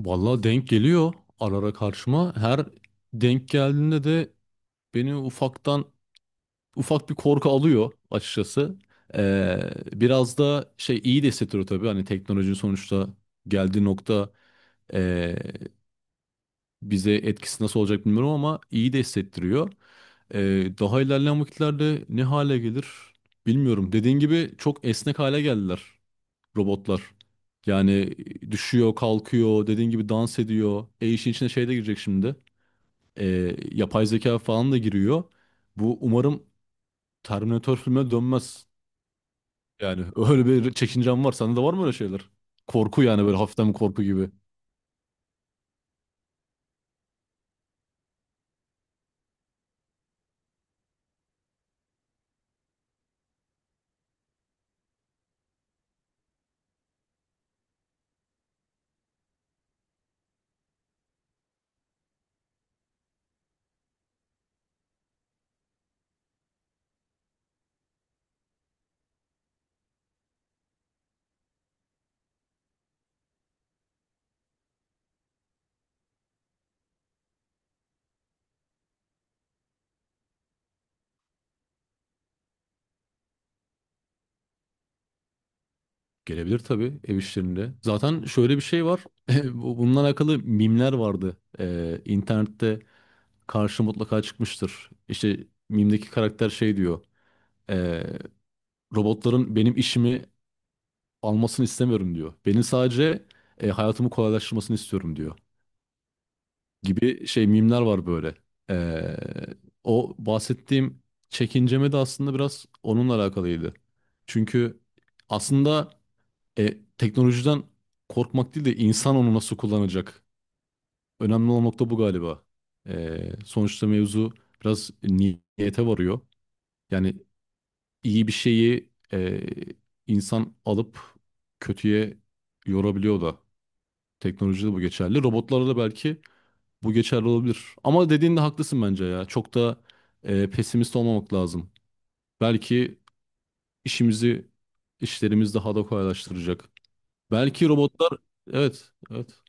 Vallahi denk geliyor ara ara karşıma. Her denk geldiğinde de beni ufaktan ufak bir korku alıyor açıkçası. Ee, Biraz da şey iyi de hissettiriyor tabii. Hani teknolojinin sonuçta geldiği nokta ee, bize etkisi nasıl olacak bilmiyorum ama iyi de hissettiriyor. Daha ilerleyen vakitlerde ne hale gelir bilmiyorum. Dediğin gibi çok esnek hale geldiler robotlar. Yani düşüyor, kalkıyor, dediğin gibi dans ediyor. E işin içine şey de girecek şimdi. E, Yapay zeka falan da giriyor. Bu umarım Terminator filmine dönmez. Yani öyle bir çekincem var. Sende de var mı öyle şeyler? Korku yani böyle hafiften bir korku gibi. Gelebilir tabii ev işlerinde. Zaten şöyle bir şey var. Bununla alakalı mimler vardı. İnternette karşı mutlaka çıkmıştır. İşte mimdeki karakter şey diyor. E, Robotların benim işimi almasını istemiyorum diyor. Benim sadece hayatımı kolaylaştırmasını istiyorum diyor. Gibi şey mimler var böyle. Ee, O bahsettiğim çekinceme de aslında biraz onunla alakalıydı. Çünkü aslında teknolojiden korkmak değil de insan onu nasıl kullanacak. Önemli olan nokta bu galiba. Sonuçta mevzu biraz niyete varıyor. Yani iyi bir şeyi insan alıp kötüye yorabiliyor da. Teknolojide bu geçerli. Robotlarda da belki bu geçerli olabilir. Ama dediğinde haklısın bence ya. Çok da pesimist olmamak lazım. Belki işimizi, işlerimiz daha da kolaylaştıracak. Belki robotlar, evet, evet.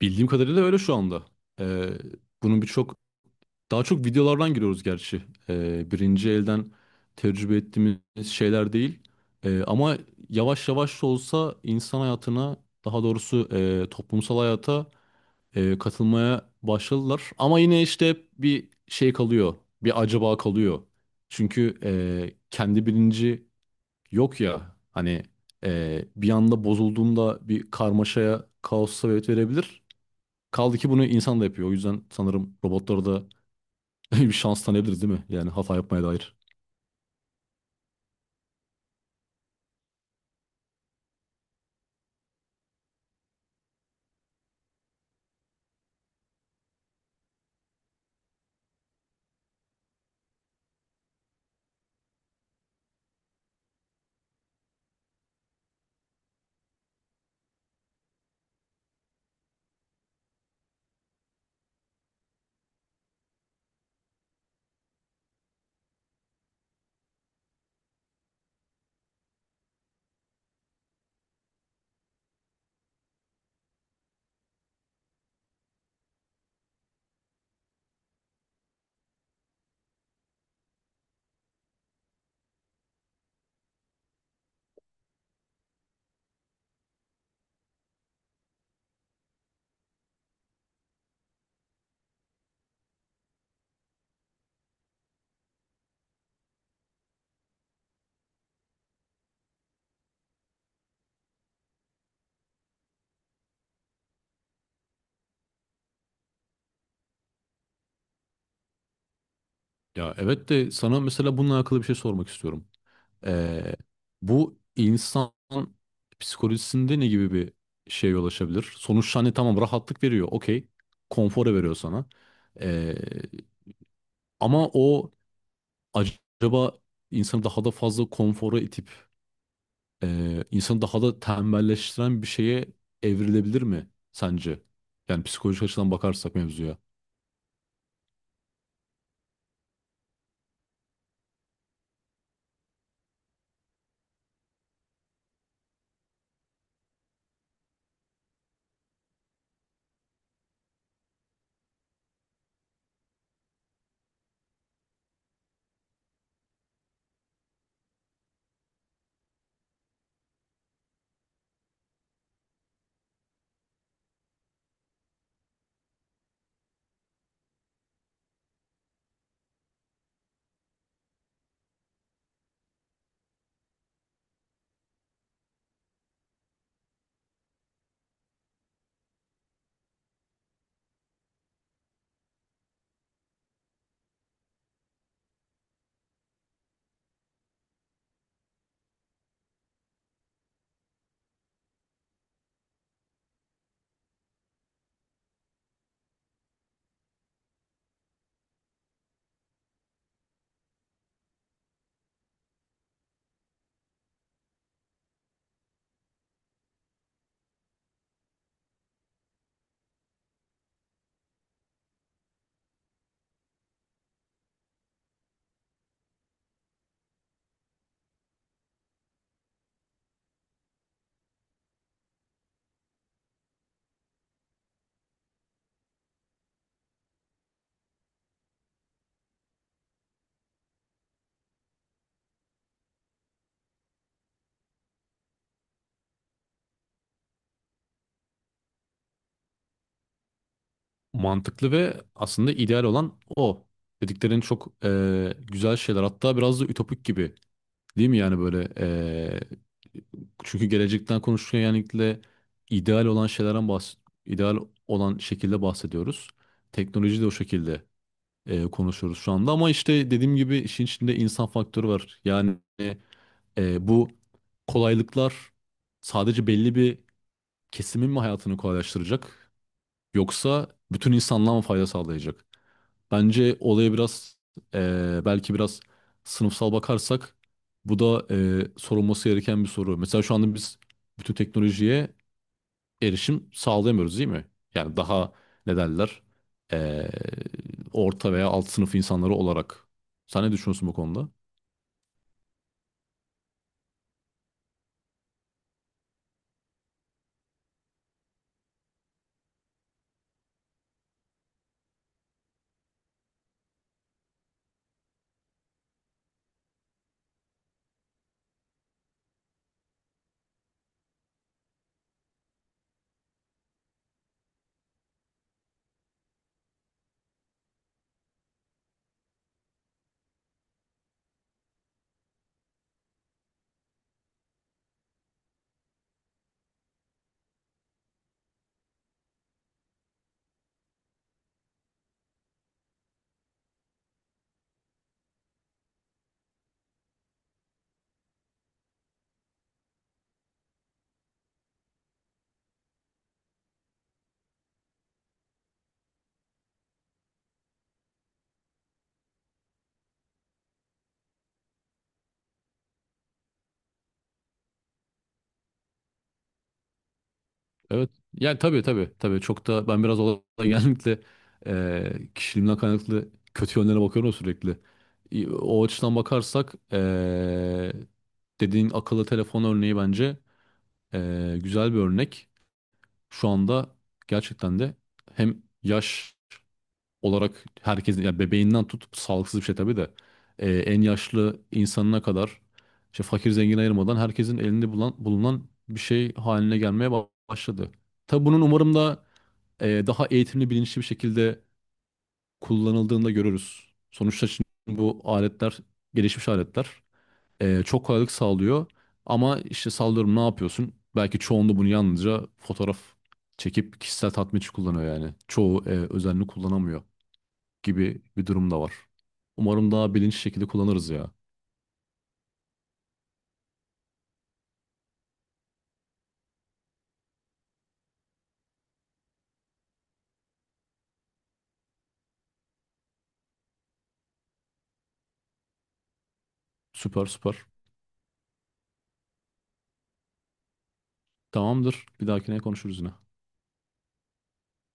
Bildiğim kadarıyla öyle şu anda. E, bunun birçok, daha çok videolardan giriyoruz gerçi. Birinci elden tecrübe ettiğimiz şeyler değil. Ama yavaş yavaş da olsa insan hayatına, daha doğrusu toplumsal hayata katılmaya başladılar. Ama yine işte hep bir şey kalıyor. Bir acaba kalıyor. Çünkü kendi bilinci yok ya. Hani bir anda bozulduğunda bir karmaşaya, kaosa sebebiyet verebilir. Kaldı ki bunu insan da yapıyor. O yüzden sanırım robotlara da bir şans tanıyabiliriz değil mi? Yani hata yapmaya dair. Ya evet de sana mesela bununla alakalı bir şey sormak istiyorum. Ee, Bu insan psikolojisinde ne gibi bir şeye yol açabilir? Sonuçta hani tamam rahatlık veriyor, okey. Konfora veriyor sana. Ee, Ama o acaba insanı daha da fazla konfora itip insanı daha da tembelleştiren bir şeye evrilebilir mi sence? Yani psikolojik açıdan bakarsak mevzuya. Mantıklı ve aslında ideal olan o. Dediklerin çok güzel şeyler. Hatta biraz da ütopik gibi. Değil mi yani böyle çünkü gelecekten konuşurken yani genellikle ideal olan şeylerden bahs ideal olan şekilde bahsediyoruz. Teknoloji de o şekilde konuşuyoruz şu anda ama işte dediğim gibi işin içinde insan faktörü var. Yani bu kolaylıklar sadece belli bir kesimin mi hayatını kolaylaştıracak? Yoksa bütün insanlığa mı fayda sağlayacak? Bence olaya biraz belki biraz sınıfsal bakarsak bu da sorulması gereken bir soru. Mesela şu anda biz bütün teknolojiye erişim sağlayamıyoruz değil mi? Yani daha ne derler eee, orta veya alt sınıf insanları olarak. Sen ne düşünüyorsun bu konuda? Evet. Yani tabii tabii. Tabii çok da ben biraz olaya genellikle kişiliğimden kaynaklı kötü yönlerine bakıyorum sürekli. O açıdan bakarsak dediğin akıllı telefon örneği bence güzel bir örnek. Şu anda gerçekten de hem yaş olarak herkesin yani bebeğinden tut sağlıksız bir şey tabii de en yaşlı insanına kadar işte fakir zengin ayırmadan herkesin elinde bulunan bir şey haline gelmeye başladı. Tabii bunun umarım da daha eğitimli bilinçli bir şekilde kullanıldığında görürüz. Sonuçta şimdi bu aletler gelişmiş aletler çok kolaylık sağlıyor ama işte sallıyorum ne yapıyorsun? Belki çoğunda bunu yalnızca fotoğraf çekip kişisel tatmin için kullanıyor yani. Çoğu özenli kullanamıyor gibi bir durum da var. Umarım daha bilinçli şekilde kullanırız ya. Süper süper. Tamamdır. Bir dahakine konuşuruz yine.